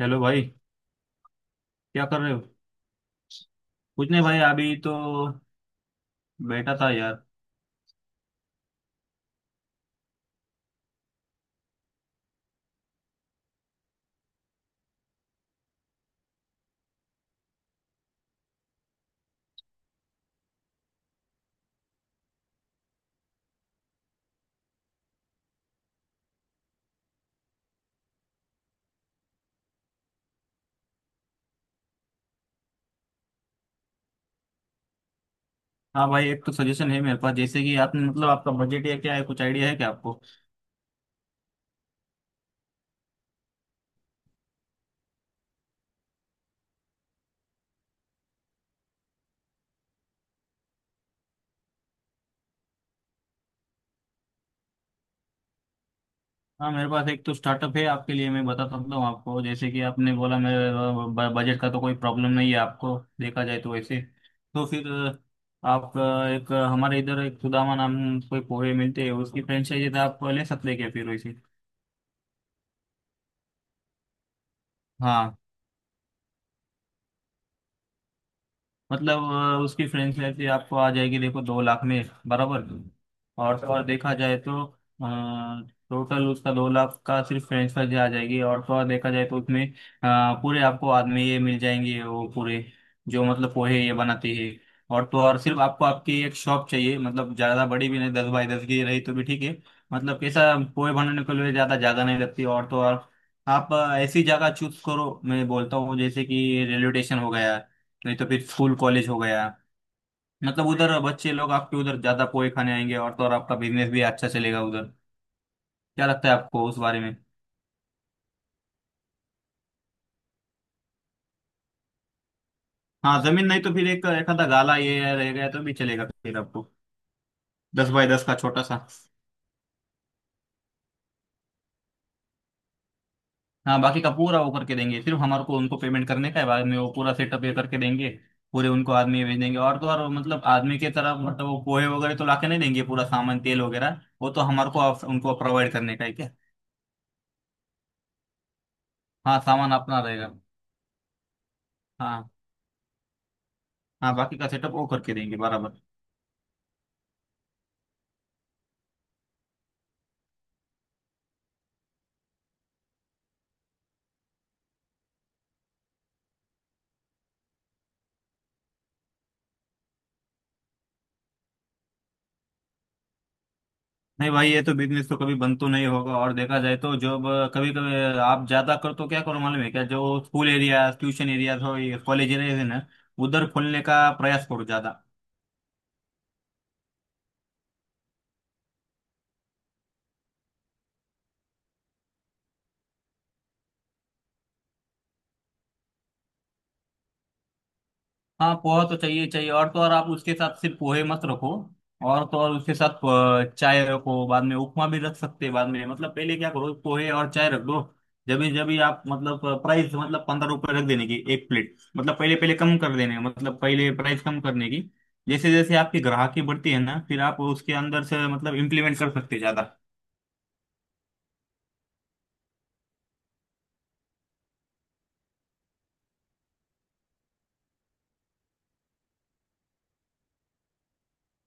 Hello भाई, क्या कर रहे हो। कुछ नहीं भाई, अभी तो बैठा था यार। हाँ भाई, एक तो सजेशन है मेरे पास। जैसे कि आपने, मतलब आपका बजट या क्या है? कुछ आइडिया है क्या आपको? हाँ, मेरे पास एक तो स्टार्टअप है आपके लिए, मैं बता सकता हूँ आपको। जैसे कि आपने बोला मेरे बजट का तो कोई प्रॉब्लम नहीं है आपको, देखा जाए तो वैसे। तो फिर आप एक हमारे इधर एक सुदामा नाम कोई पोहे मिलते हैं, उसकी फ्रेंचाइजी आप ले सकते हैं क्या फिर वैसे। हाँ मतलब उसकी फ्रेंचाइजी आपको आ जाएगी देखो, 2 लाख में बराबर। और तो और देखा जाए तो, टोटल उसका 2 लाख का सिर्फ फ्रेंच फ्राइज आ जाएगी। और तो और देखा जाए तो उसमें पूरे आपको बाद में ये मिल जाएंगे, वो पूरे जो मतलब पोहे ये बनाते हैं। और तो और सिर्फ आपको आपकी एक शॉप चाहिए, मतलब ज़्यादा बड़ी भी नहीं, 10 बाई 10 की रही तो भी ठीक है। मतलब कैसा, पोहे बनाने के लिए ज़्यादा जगह नहीं लगती। और तो और आप ऐसी जगह चूज करो, मैं बोलता हूँ जैसे कि रेलवे स्टेशन हो गया, नहीं तो फिर स्कूल कॉलेज हो गया। मतलब उधर बच्चे लोग आपके उधर ज्यादा पोहे खाने आएंगे और तो और आपका बिजनेस भी अच्छा चलेगा उधर। क्या लगता है आपको उस बारे में? हाँ जमीन, नहीं तो फिर एक एक आधा गाला ये रह गया तो भी चलेगा फिर आपको, 10 बाय 10 का छोटा सा। हाँ बाकी का पूरा वो करके देंगे, सिर्फ हमारे को उनको पेमेंट करने का है। बाद में वो पूरा सेटअप ये करके देंगे, पूरे उनको आदमी भेज देंगे। और तो और मतलब आदमी के तरफ मतलब वो पोहे वगैरह तो लाके नहीं देंगे, पूरा सामान तेल वगैरह वो तो हमारे को उनको प्रोवाइड करने का है क्या। हाँ सामान अपना रहेगा। हाँ हाँ बाकी का सेटअप वो करके देंगे बराबर। नहीं भाई, ये तो बिजनेस तो कभी बंद तो नहीं होगा। और देखा जाए तो जब कभी कभी आप ज्यादा कर तो क्या करो मालूम है क्या? जो स्कूल एरिया, ट्यूशन एरिया हो, कॉलेज एरिया है ना, उधर खोलने का प्रयास करो ज्यादा। हाँ पोहा तो चाहिए चाहिए। और तो और आप उसके साथ सिर्फ पोहे मत रखो, और तो और उसके साथ चाय रखो। बाद में उपमा भी रख सकते हैं बाद में, मतलब पहले क्या करो, पोहे और चाय रख दो। जब भी आप मतलब प्राइस मतलब 15 रुपए रख देने की एक प्लेट, मतलब पहले पहले कम कर देने, मतलब पहले प्राइस कम करने की। जैसे जैसे आपकी ग्राहकी बढ़ती है ना, फिर आप उसके अंदर से मतलब इम्प्लीमेंट कर सकते हैं ज्यादा।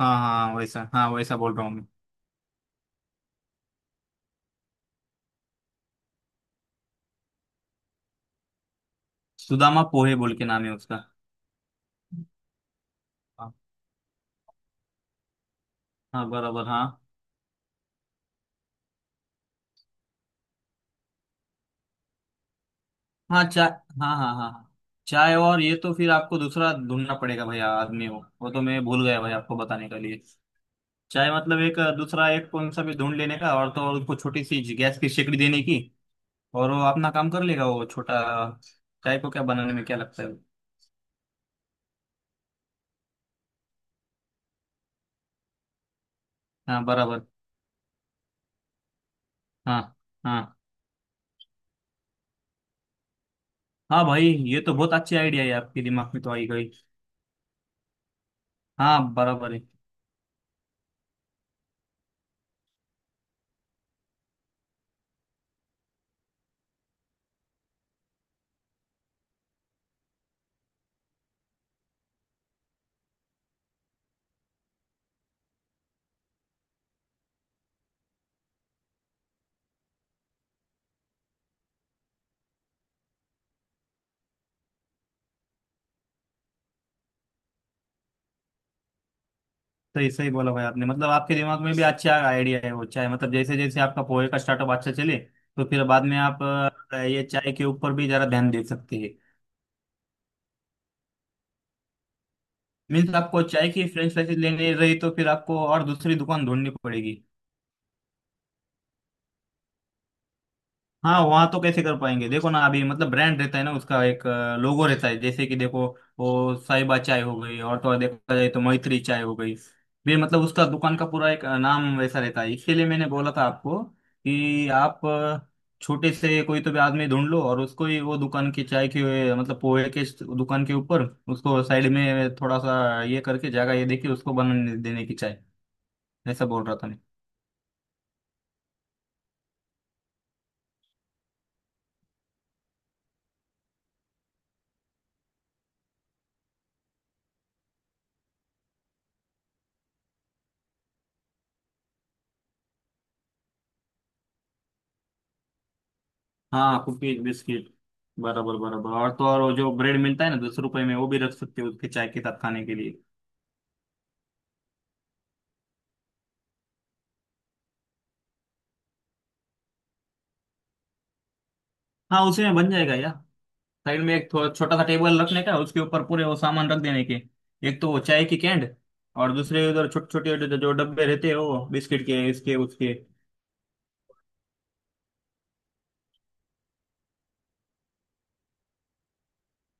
हाँ हाँ वैसा, हाँ वैसा बोल रहा हूँ मैं। सुदामा पोहे बोल के नाम है उसका। हाँ हाँ, बराबर हाँ। हाँ चाय। हाँ हाँ हाँ। चाय और ये तो फिर आपको दूसरा ढूंढना पड़ेगा भैया, आदमी हो वो तो मैं भूल गया भाई आपको बताने के लिए। चाय मतलब एक दूसरा एक कौन सा भी ढूंढ लेने का, और तो और उसको छोटी सी गैस की सिकड़ी देने की। और वो अपना काम कर लेगा वो छोटा, चाय को क्या बनाने में क्या लगता है। हाँ बराबर। हाँ हाँ हाँ भाई, ये तो बहुत अच्छी आइडिया है आपके दिमाग में तो आई गई। हाँ बराबर है। सही सही बोला भाई आपने, मतलब आपके दिमाग में भी अच्छा आइडिया है वो चाय। मतलब जैसे जैसे आपका पोहे का स्टार्टअप अच्छा चले तो फिर बाद में आप ये चाय के ऊपर भी जरा ध्यान दे सकते हैं। मीन्स आपको चाय की फ्रेंच फ्राइज लेनी रही तो फिर आपको और दूसरी दुकान ढूंढनी पड़ेगी। हाँ वहाँ तो कैसे कर पाएंगे, देखो ना, अभी मतलब ब्रांड रहता है ना उसका एक, लोगो रहता है, जैसे कि देखो, वो साहिबा चाय हो गई और तो और देखा जाए तो मैत्री चाय हो गई भी, मतलब उसका दुकान का पूरा एक नाम वैसा रहता है। इसके लिए मैंने बोला था आपको कि आप छोटे से कोई तो भी आदमी ढूंढ लो और उसको ही वो दुकान की चाय की, मतलब पोहे के दुकान के ऊपर उसको साइड में थोड़ा सा ये करके जगह ये देखिए, उसको बनाने देने की चाय, ऐसा बोल रहा था मैं। हाँ कुकीज बिस्किट बराबर बराबर। और तो और वो जो ब्रेड मिलता है ना 10 रुपए में, वो भी रख सकते हो उसके चाय के साथ खाने के लिए। हाँ उसी में बन जाएगा यार। साइड में एक थोड़ा छोटा सा टेबल रखने का, उसके ऊपर पूरे वो सामान रख देने के, एक तो वो चाय की कैंड, और दूसरे उधर छोटे छोटे जो डब्बे रहते हैं वो बिस्किट के, इसके, उसके।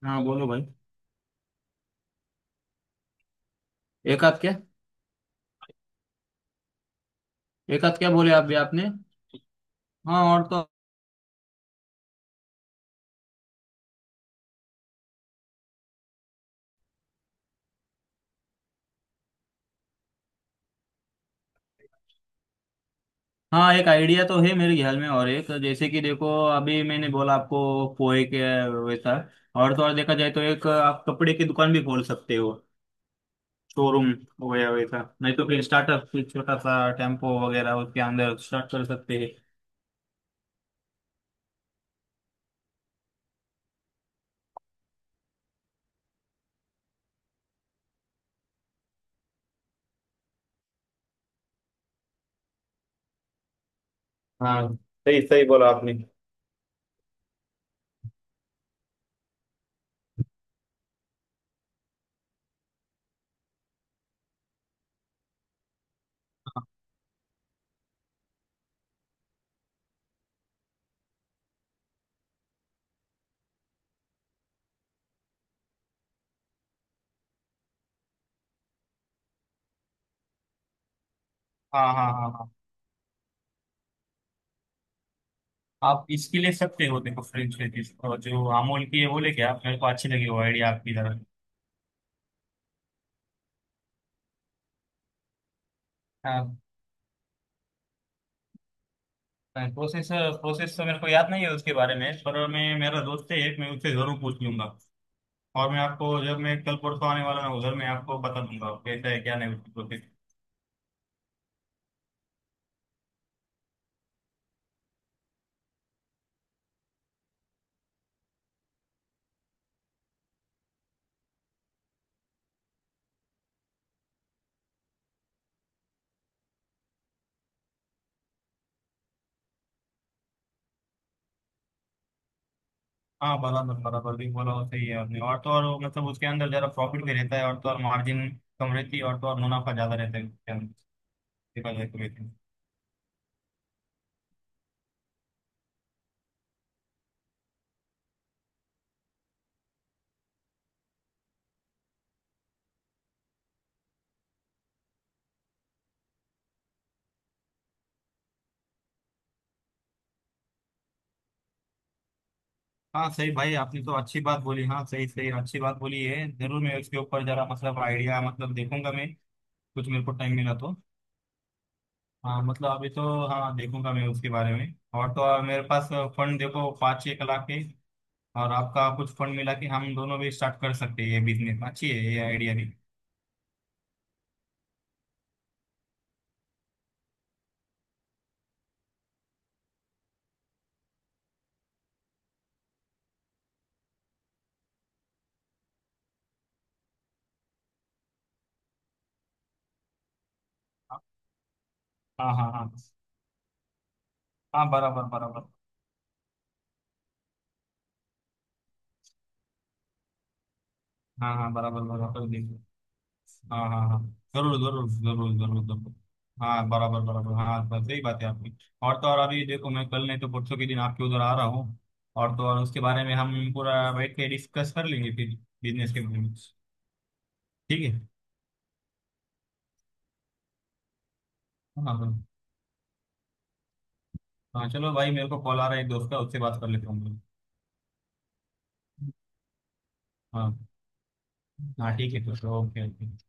हाँ बोलो भाई। एक आध क्या? एक आध क्या बोले आप भी आपने? हाँ और तो। हाँ एक आइडिया तो है मेरे ख्याल में, और एक जैसे कि देखो, अभी मैंने बोला आपको पोहे के वैसा, और तो और देखा जाए तो एक आप कपड़े की दुकान भी खोल सकते हो, शोरूम वगैरह वैसा। नहीं तो फिर स्टार्टअप फिर छोटा सा टेम्पो वगैरह, उसके अंदर स्टार्ट कर सकते हैं। हाँ सही सही बोला आपने। हाँ हाँ हाँ हाँ। आप इसके लिए सकते हो देखो फ्रेंच लेडीज जो अमूल की है वो लेके आप, मेरे को अच्छी लगी वो आइडिया आपकी तरह। हाँ। प्रोसेस प्रोसेस तो मेरे को याद नहीं है उसके बारे में, पर मैं, मेरा दोस्त है एक, मैं उससे जरूर पूछ लूंगा। और मैं आपको जब मैं कल परसों आने वाला हूँ उधर, मैं आपको बता दूंगा कैसा है क्या नहीं उसकी प्रोसेस। हाँ बराबर बराबर भी बोला हो, सही है आपने। और तो और मतलब उसके अंदर जरा प्रॉफिट भी रहता है, और तो और मार्जिन कम रहती है, और तो और मुनाफा ज्यादा रहता है उसके अंदर देखा जाए तो वैसे। हाँ सही भाई आपने तो अच्छी बात बोली। हाँ सही सही अच्छी बात बोली है जरूर। मैं उसके ऊपर जरा मतलब आइडिया मतलब देखूंगा मैं, कुछ मेरे को टाइम मिला तो। हाँ मतलब अभी तो, हाँ देखूंगा मैं उसके बारे में। और तो और मेरे पास फंड देखो 5-6 लाख के, और आपका कुछ फंड मिला के हम दोनों भी स्टार्ट कर सकते हैं ये बिजनेस। अच्छी है ये आइडिया भी। हाँ हाँ हाँ हाँ बराबर बराबर। हाँ हाँ बराबर बराबर देखो। हाँ हाँ हाँ जरूर जरूर जरूर जरूर जरूर। हाँ बराबर बराबर हाँ, बस सही बात है आपकी। और तो और अभी देखो मैं कल नहीं तो परसों के दिन आपके उधर आ रहा हूँ, और तो और उसके बारे में हम पूरा बैठ के डिस्कस कर लेंगे फिर बिजनेस के बारे में। ठीक है। हाँ हाँ हाँ हाँ, चलो भाई मेरे को कॉल आ रहा है एक दोस्त का, उससे बात कर लेता हूँ मैं। हाँ हाँ ठीक है तो। Okay okay.